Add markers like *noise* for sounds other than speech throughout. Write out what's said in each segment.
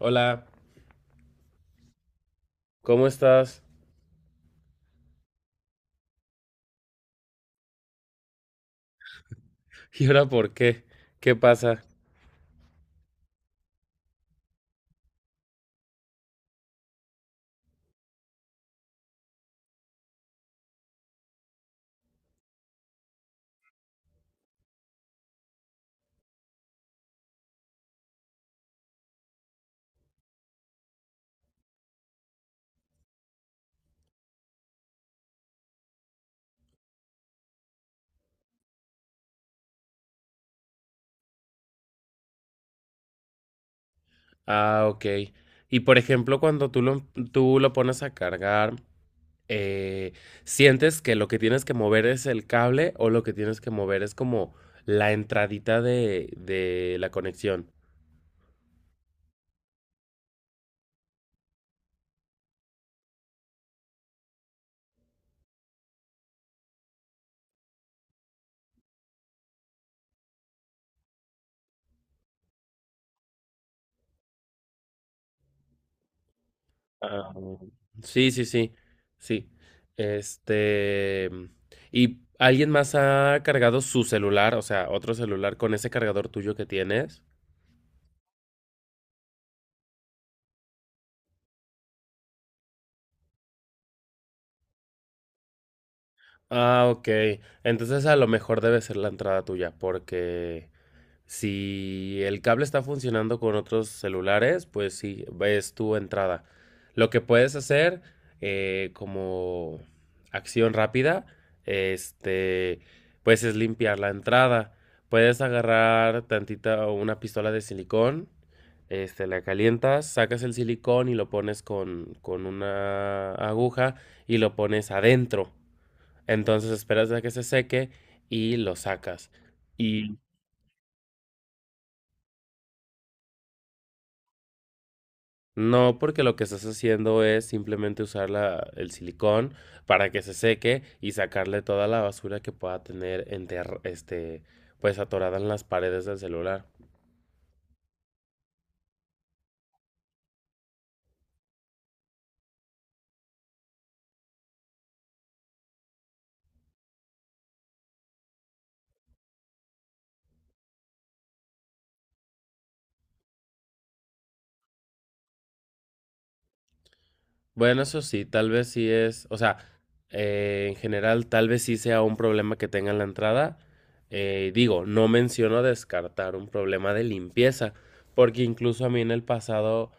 Hola, ¿cómo estás? *laughs* ¿Y ahora por qué? ¿Qué pasa? Ah, ok. Y por ejemplo, tú lo pones a cargar, eh, ¿sientes que lo que tienes que mover es el cable o lo que tienes que mover es como la entradita de la conexión? Ah, sí, sí, sí, sí. Este... ¿Y alguien más ha cargado su celular, o sea, otro celular con ese cargador tuyo que tienes? Ah, ok. Entonces a lo mejor debe ser la entrada tuya, porque si el cable está funcionando con otros celulares, pues sí, es tu entrada. Lo que puedes hacer como acción rápida, este, pues es limpiar la entrada. Puedes agarrar tantita o una pistola de silicón, la calientas, sacas el silicón y lo pones con una aguja y lo pones adentro. Entonces esperas a que se seque y lo sacas. Y no, porque lo que estás haciendo es simplemente usar el silicón para que se seque y sacarle toda la basura que pueda tener pues atorada en las paredes del celular. Bueno, eso sí, tal vez sí es, o sea, en general tal vez sí sea un problema que tenga en la entrada. Digo, no menciono descartar un problema de limpieza, porque incluso a mí en el pasado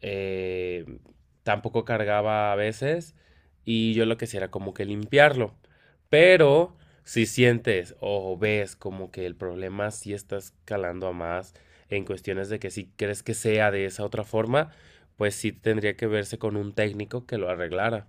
eh, tampoco cargaba a veces y yo lo que hacía era como que limpiarlo. Pero si sientes o ves como que el problema sí está escalando a más en cuestiones de que si crees que sea de esa otra forma, pues sí tendría que verse con un técnico que lo arreglara.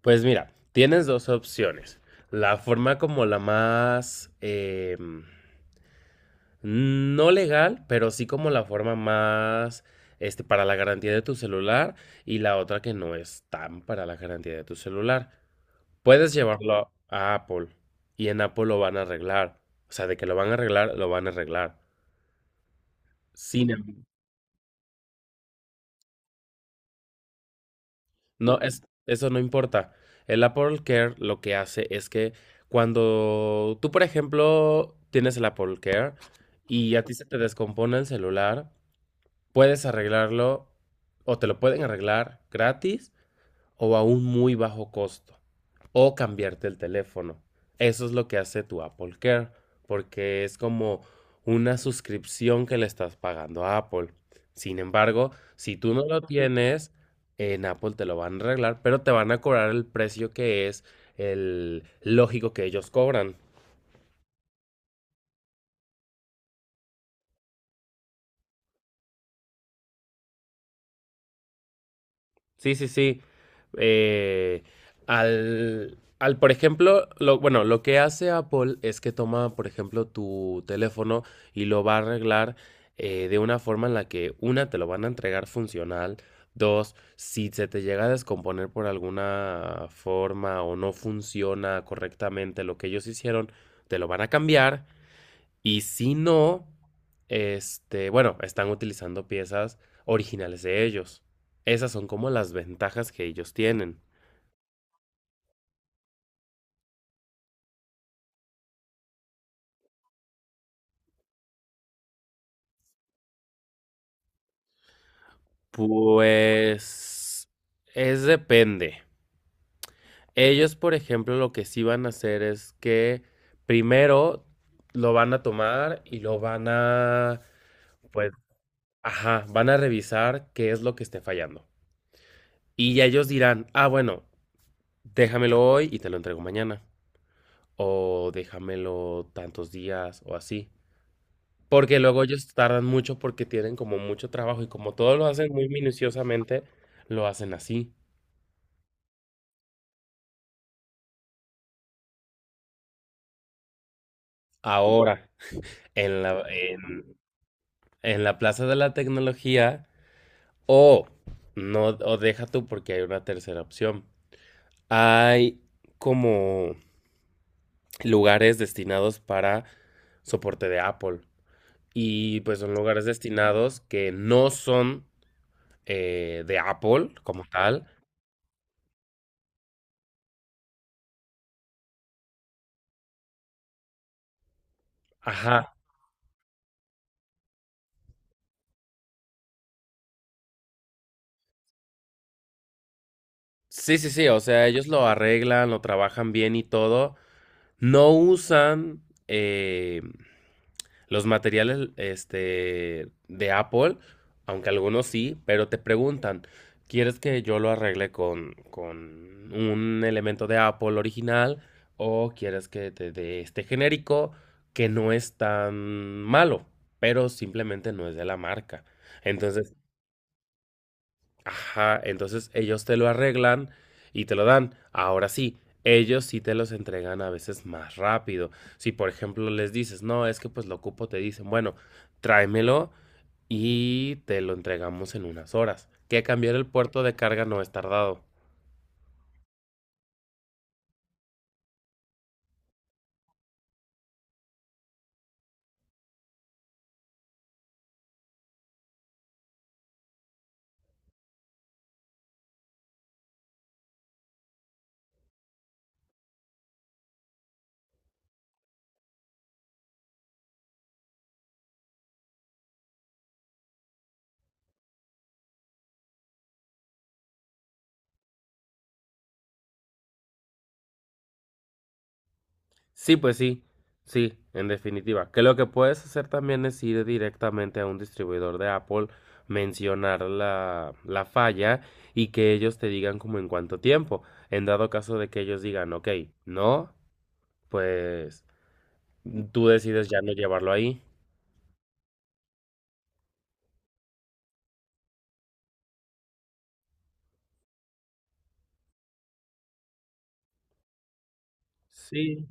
Pues mira, tienes dos opciones. La forma como la más... no legal, pero sí como la forma más para la garantía de tu celular y la otra que no es tan para la garantía de tu celular. Puedes llevarlo a Apple y en Apple lo van a arreglar. O sea, de que lo van a arreglar, lo van a arreglar. Sin, em- No, es, eso no importa. El Apple Care lo que hace es que cuando tú, por ejemplo, tienes el Apple Care y a ti se te descompone el celular, puedes arreglarlo o te lo pueden arreglar gratis o a un muy bajo costo o cambiarte el teléfono. Eso es lo que hace tu Apple Care porque es como una suscripción que le estás pagando a Apple. Sin embargo, si tú no lo tienes, en Apple te lo van a arreglar, pero te van a cobrar el precio que es el lógico que ellos cobran. Sí, sí, sí. Eh, por ejemplo, lo, bueno, lo que hace Apple es que toma, por ejemplo, tu teléfono y lo va a arreglar de una forma en la que, una, te lo van a entregar funcional, dos, si se te llega a descomponer por alguna forma o no funciona correctamente lo que ellos hicieron, te lo van a cambiar y si no, bueno, están utilizando piezas originales de ellos. Esas son como las ventajas que ellos tienen. Pues es depende. Ellos, por ejemplo, lo que sí van a hacer es que primero lo van a tomar pues, ajá, van a revisar qué es lo que esté fallando. Y ya ellos dirán, ah, bueno, déjamelo hoy y te lo entrego mañana. O déjamelo tantos días o así. Porque luego ellos tardan mucho porque tienen como mucho trabajo y como todos lo hacen muy minuciosamente, lo hacen así. Ahora, en la, en, en la Plaza de la Tecnología, o no, o deja tú porque hay una tercera opción. Hay como lugares destinados para soporte de Apple. Y pues son lugares destinados que no son de Apple como tal. Ajá. Sí, sí, sí, o sea, ellos lo arreglan, lo trabajan bien y todo. No usan eh, los materiales de Apple, aunque algunos sí, pero te preguntan, ¿quieres que yo lo arregle con un elemento de Apple original o quieres que te dé este genérico que no es tan malo, pero simplemente no es de la marca? Entonces, ajá, entonces ellos te lo arreglan y te lo dan. Ahora sí, ellos sí te los entregan a veces más rápido. Si por ejemplo les dices, no, es que pues lo ocupo, te dicen, bueno, tráemelo y te lo entregamos en unas horas. Que cambiar el puerto de carga no es tardado. Sí, pues sí, sí, en definitiva. Que lo que puedes hacer también es ir directamente a un distribuidor de Apple, mencionar la falla y que ellos te digan como en cuánto tiempo. En dado caso de que ellos digan, ok, no, pues tú decides ya no llevarlo ahí. Sí.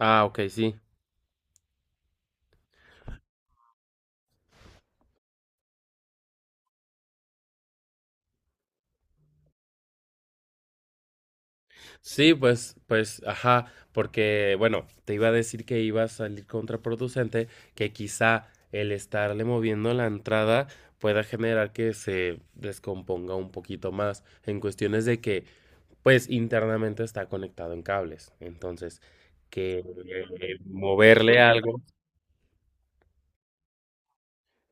Ah, ok, sí. Sí, pues, pues, ajá, porque, bueno, te iba a decir que iba a salir contraproducente, que quizá el estarle moviendo la entrada pueda generar que se descomponga un poquito más en cuestiones de que, pues, internamente está conectado en cables. Entonces, que eh, moverle algo,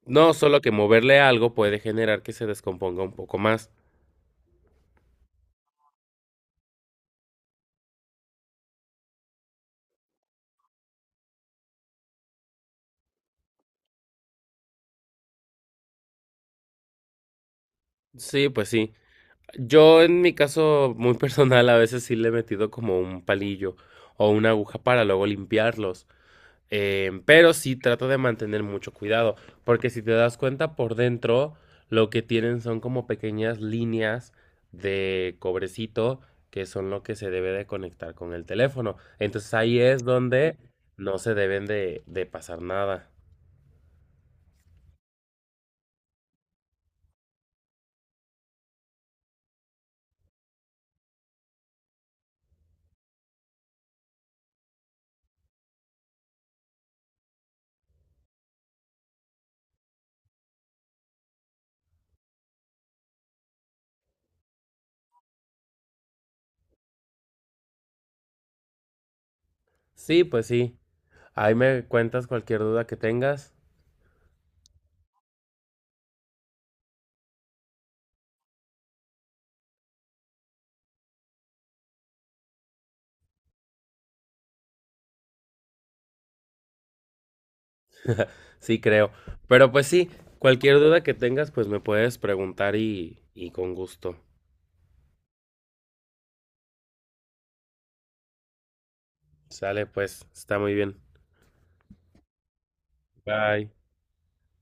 no, solo que moverle algo puede generar que se descomponga un poco más. Sí, pues sí. Yo en mi caso muy *laughs* personal a veces sí le he metido como un palillo o una aguja para luego limpiarlos. Pero sí trato de mantener mucho cuidado, porque si te das cuenta por dentro lo que tienen son como pequeñas líneas de cobrecito que son lo que se debe de conectar con el teléfono. Entonces ahí es donde no se deben de pasar nada. Sí, pues sí. Ahí me cuentas cualquier duda que tengas. Sí, creo. Pero pues sí, cualquier duda que tengas, pues me puedes preguntar y con gusto. Sale, pues, está muy bien. Bye.